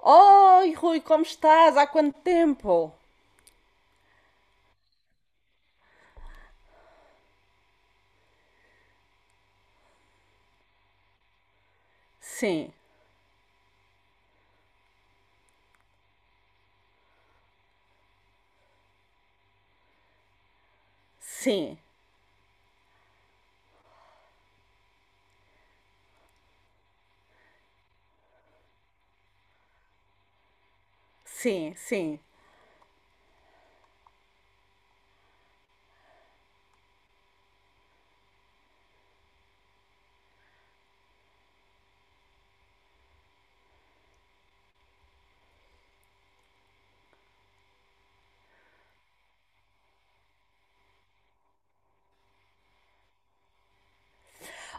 Oi, Rui, como estás? Há quanto tempo? Sim, sim, sim, sim.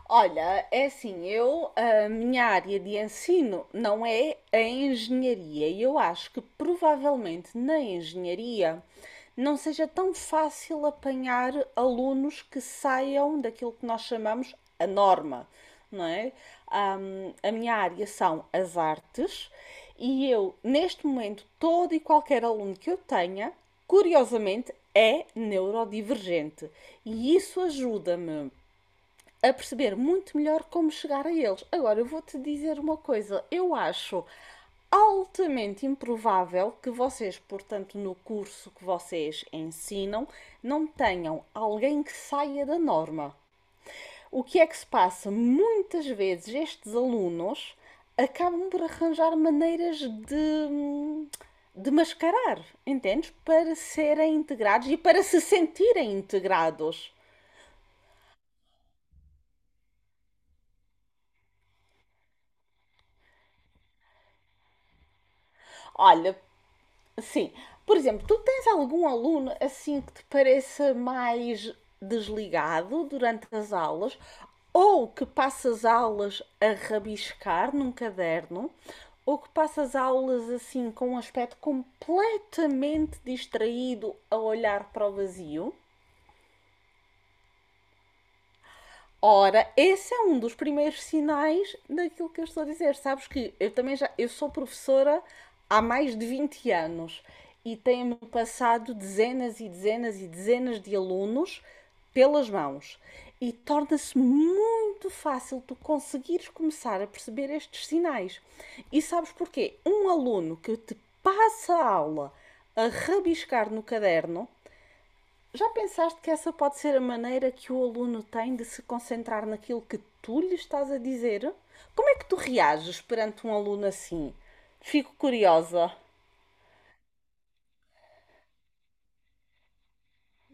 Olha, é assim, a minha área de ensino não é a engenharia e eu acho que provavelmente na engenharia não seja tão fácil apanhar alunos que saiam daquilo que nós chamamos a norma, não é? A minha área são as artes e eu, neste momento, todo e qualquer aluno que eu tenha, curiosamente, é neurodivergente. E isso ajuda-me a perceber muito melhor como chegar a eles. Agora, eu vou-te dizer uma coisa: eu acho altamente improvável que vocês, portanto, no curso que vocês ensinam, não tenham alguém que saia da norma. O que é que se passa? Muitas vezes estes alunos acabam por arranjar maneiras de mascarar, entendes? Para serem integrados e para se sentirem integrados. Olha. Sim. Por exemplo, tu tens algum aluno assim que te pareça mais desligado durante as aulas ou que passa as aulas a rabiscar num caderno ou que passa as aulas assim com um aspecto completamente distraído a olhar para o vazio? Ora, esse é um dos primeiros sinais daquilo que eu estou a dizer. Sabes que eu também já eu sou professora há mais de 20 anos e tenho-me passado dezenas e dezenas e dezenas de alunos pelas mãos. E torna-se muito fácil tu conseguires começar a perceber estes sinais. E sabes porquê? Um aluno que te passa a aula a rabiscar no caderno, já pensaste que essa pode ser a maneira que o aluno tem de se concentrar naquilo que tu lhe estás a dizer? Como é que tu reages perante um aluno assim? Fico curiosa.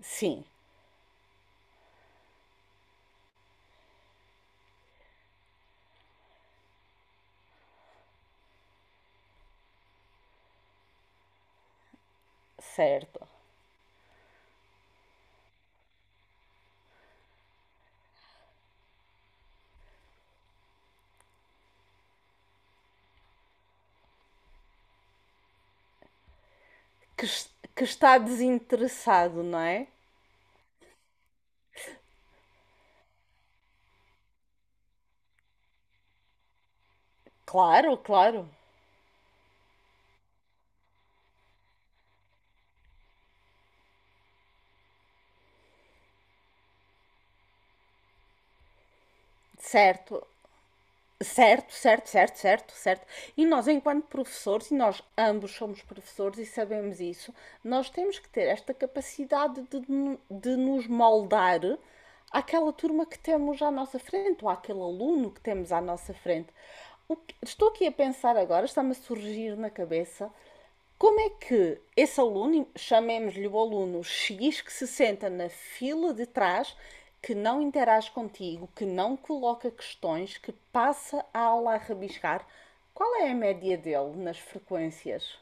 Sim, certo. Que, que está desinteressado, não é? Claro, claro. Certo. Certo, certo, certo, certo, certo. E nós, enquanto professores, e nós ambos somos professores e sabemos isso, nós temos que ter esta capacidade de, de nos moldar àquela turma que temos à nossa frente, ou àquele aluno que temos à nossa frente. O que- estou aqui a pensar agora, está-me a surgir na cabeça, como é que esse aluno, chamemos-lhe o aluno X, que se senta na fila de trás, que não interage contigo, que não coloca questões, que passa a aula a rabiscar, qual é a média dele nas frequências?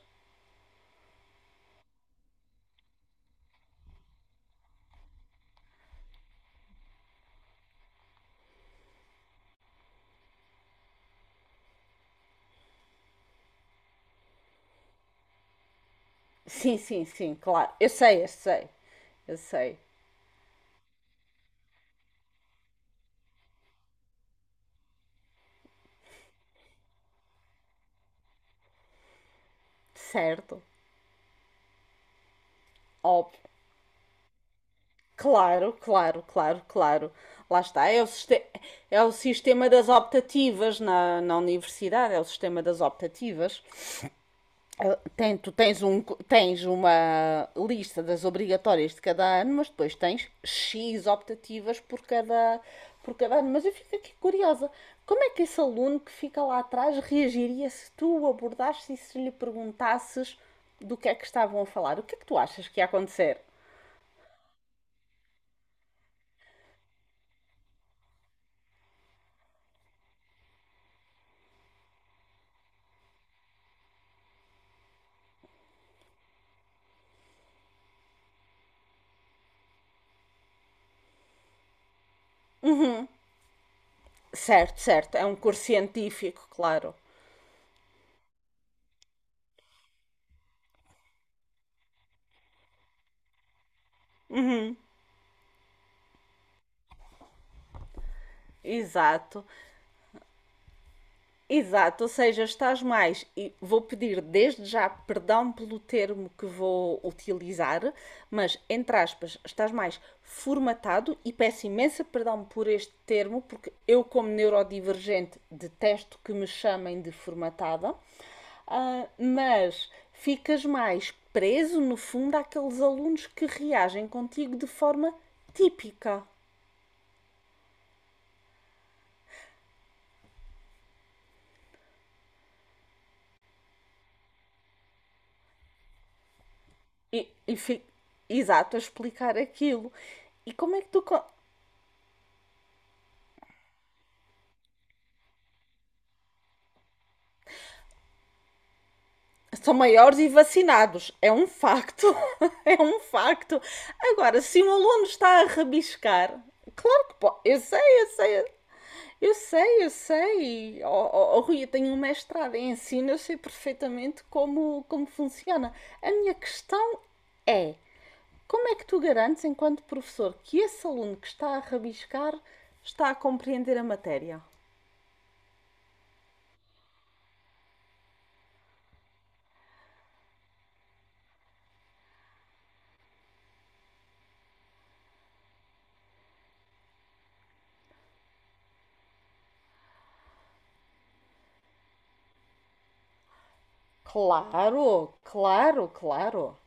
Sim, sim, sim, claro. Eu sei, eu sei. Eu sei. Certo. Óbvio. Claro, claro, claro, claro. Lá está. É o sistema das optativas na universidade, é o sistema das optativas. Ah, tem, tu tens, tens uma lista das obrigatórias de cada ano, mas depois tens X optativas por cada ano. Mas eu fico aqui curiosa. Como é que esse aluno que fica lá atrás reagiria se tu o abordasses e se lhe perguntasses do que é que estavam a falar? O que é que tu achas que ia acontecer? Certo, certo. É um curso científico, claro. Exato. Exato, ou seja, estás mais, e vou pedir desde já perdão pelo termo que vou utilizar, mas entre aspas, estás mais formatado e peço imensa perdão por este termo, porque eu, como neurodivergente, detesto que me chamem de formatada, ah, mas ficas mais preso, no fundo, àqueles alunos que reagem contigo de forma típica. E, e fi- exato, a explicar aquilo. E como é que tu. São maiores e vacinados, é um facto, é um facto. Agora, se um aluno está a rabiscar, claro que pode, eu sei, eu sei, eu sei, eu sei. Oh, oh, oh, Rui, eu tenho um mestrado em ensino, eu sei perfeitamente como, como funciona. A minha questão é, como é que tu garantes, enquanto professor, que esse aluno que está a rabiscar está a compreender a matéria? Claro, claro, claro.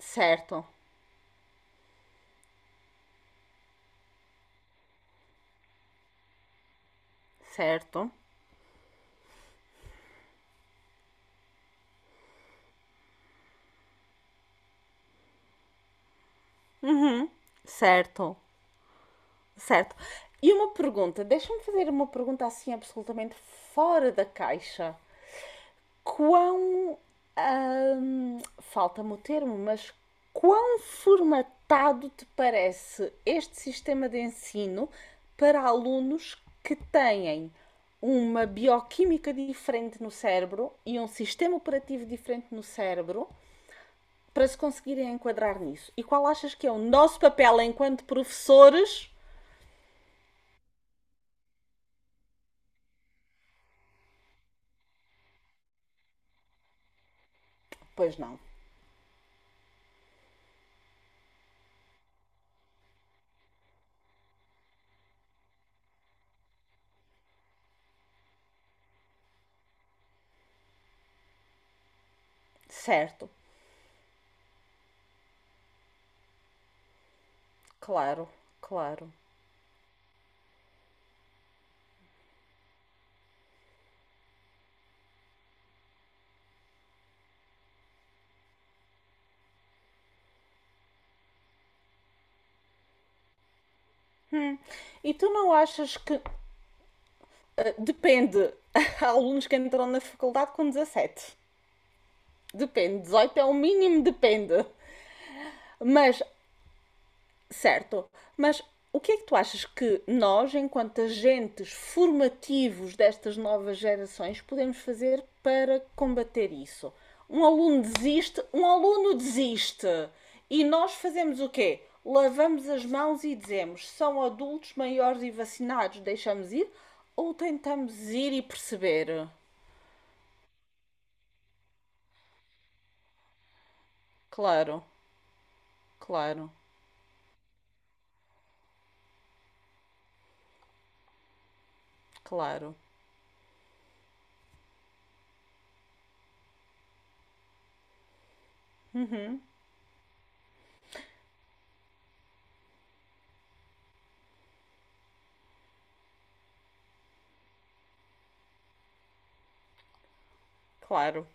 Certo, certo. Certo, certo. E uma pergunta, deixa-me fazer uma pergunta assim absolutamente fora da caixa. Quão, falta-me o termo, mas quão formatado te parece este sistema de ensino para alunos que têm uma bioquímica diferente no cérebro e um sistema operativo diferente no cérebro para se conseguirem enquadrar nisso? E qual achas que é o nosso papel enquanto professores? Pois não. Certo, claro, claro. E tu não achas que. Depende. Há alunos que entram na faculdade com 17. Depende. 18 é o mínimo, depende. Mas certo, mas o que é que tu achas que nós, enquanto agentes formativos destas novas gerações, podemos fazer para combater isso? Um aluno desiste, um aluno desiste. E nós fazemos o quê? Lavamos as mãos e dizemos: são adultos maiores e vacinados, deixamos ir? Ou tentamos ir e perceber? Claro, claro, claro, claro.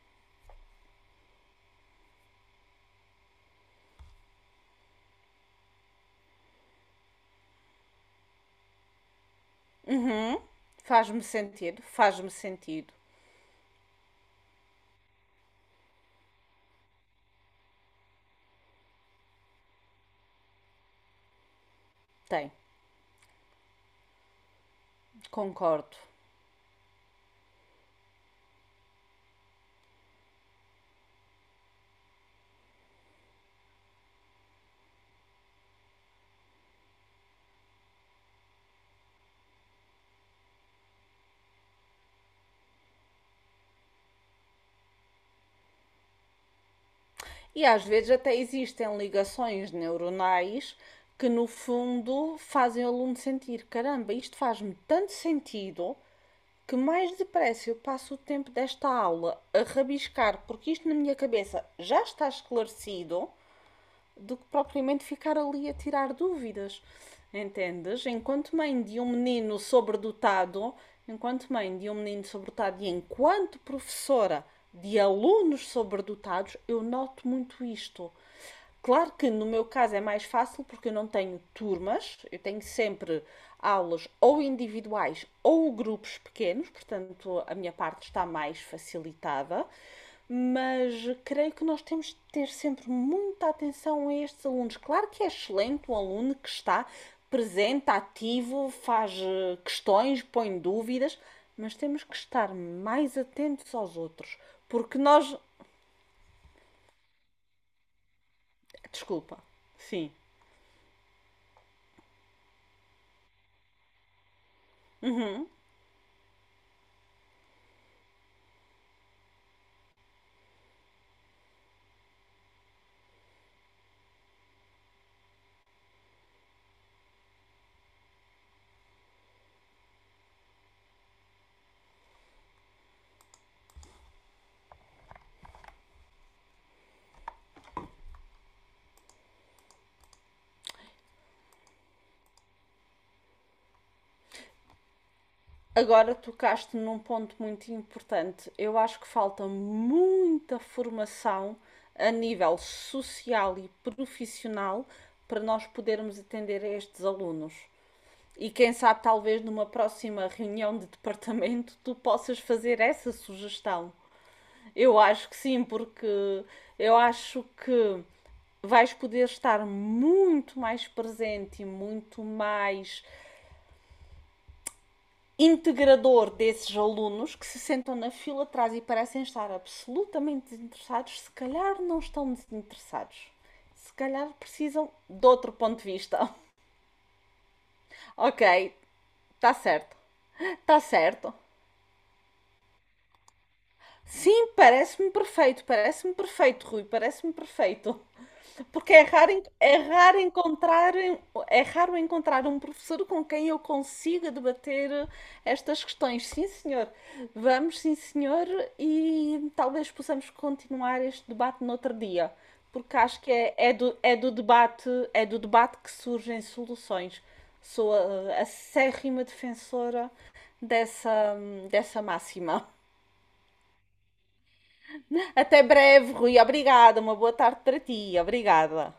Faz-me sentido, faz-me sentido. Tem, concordo. E às vezes até existem ligações neuronais que no fundo fazem o aluno sentir, caramba, isto faz-me tanto sentido que mais depressa eu passo o tempo desta aula a rabiscar, porque isto na minha cabeça já está esclarecido do que propriamente ficar ali a tirar dúvidas. Entendes? Enquanto mãe de um menino sobredotado, enquanto mãe de um menino sobredotado e enquanto professora de alunos sobredotados, eu noto muito isto. Claro que no meu caso é mais fácil porque eu não tenho turmas, eu tenho sempre aulas ou individuais ou grupos pequenos, portanto a minha parte está mais facilitada, mas creio que nós temos de ter sempre muita atenção a estes alunos. Claro que é excelente um aluno que está presente, ativo, faz questões, põe dúvidas, mas temos que estar mais atentos aos outros, porque nós. Desculpa, sim. Agora tocaste num ponto muito importante. Eu acho que falta muita formação a nível social e profissional para nós podermos atender a estes alunos. E quem sabe, talvez numa próxima reunião de departamento tu possas fazer essa sugestão. Eu acho que sim, porque eu acho que vais poder estar muito mais presente e muito mais integrador desses alunos que se sentam na fila atrás e parecem estar absolutamente desinteressados, se calhar não estão desinteressados. Se calhar precisam de outro ponto de vista. Ok, está certo. Está certo. Sim, parece-me perfeito, Rui, parece-me perfeito. Porque é raro, é raro encontrar um professor com quem eu consiga debater estas questões. Sim, senhor. Vamos, sim, senhor, e talvez possamos continuar este debate noutro dia, porque acho que é, é do debate que surgem soluções. Sou a acérrima defensora dessa, dessa máxima. Até breve, Rui. Obrigada. Uma boa tarde para ti. Obrigada.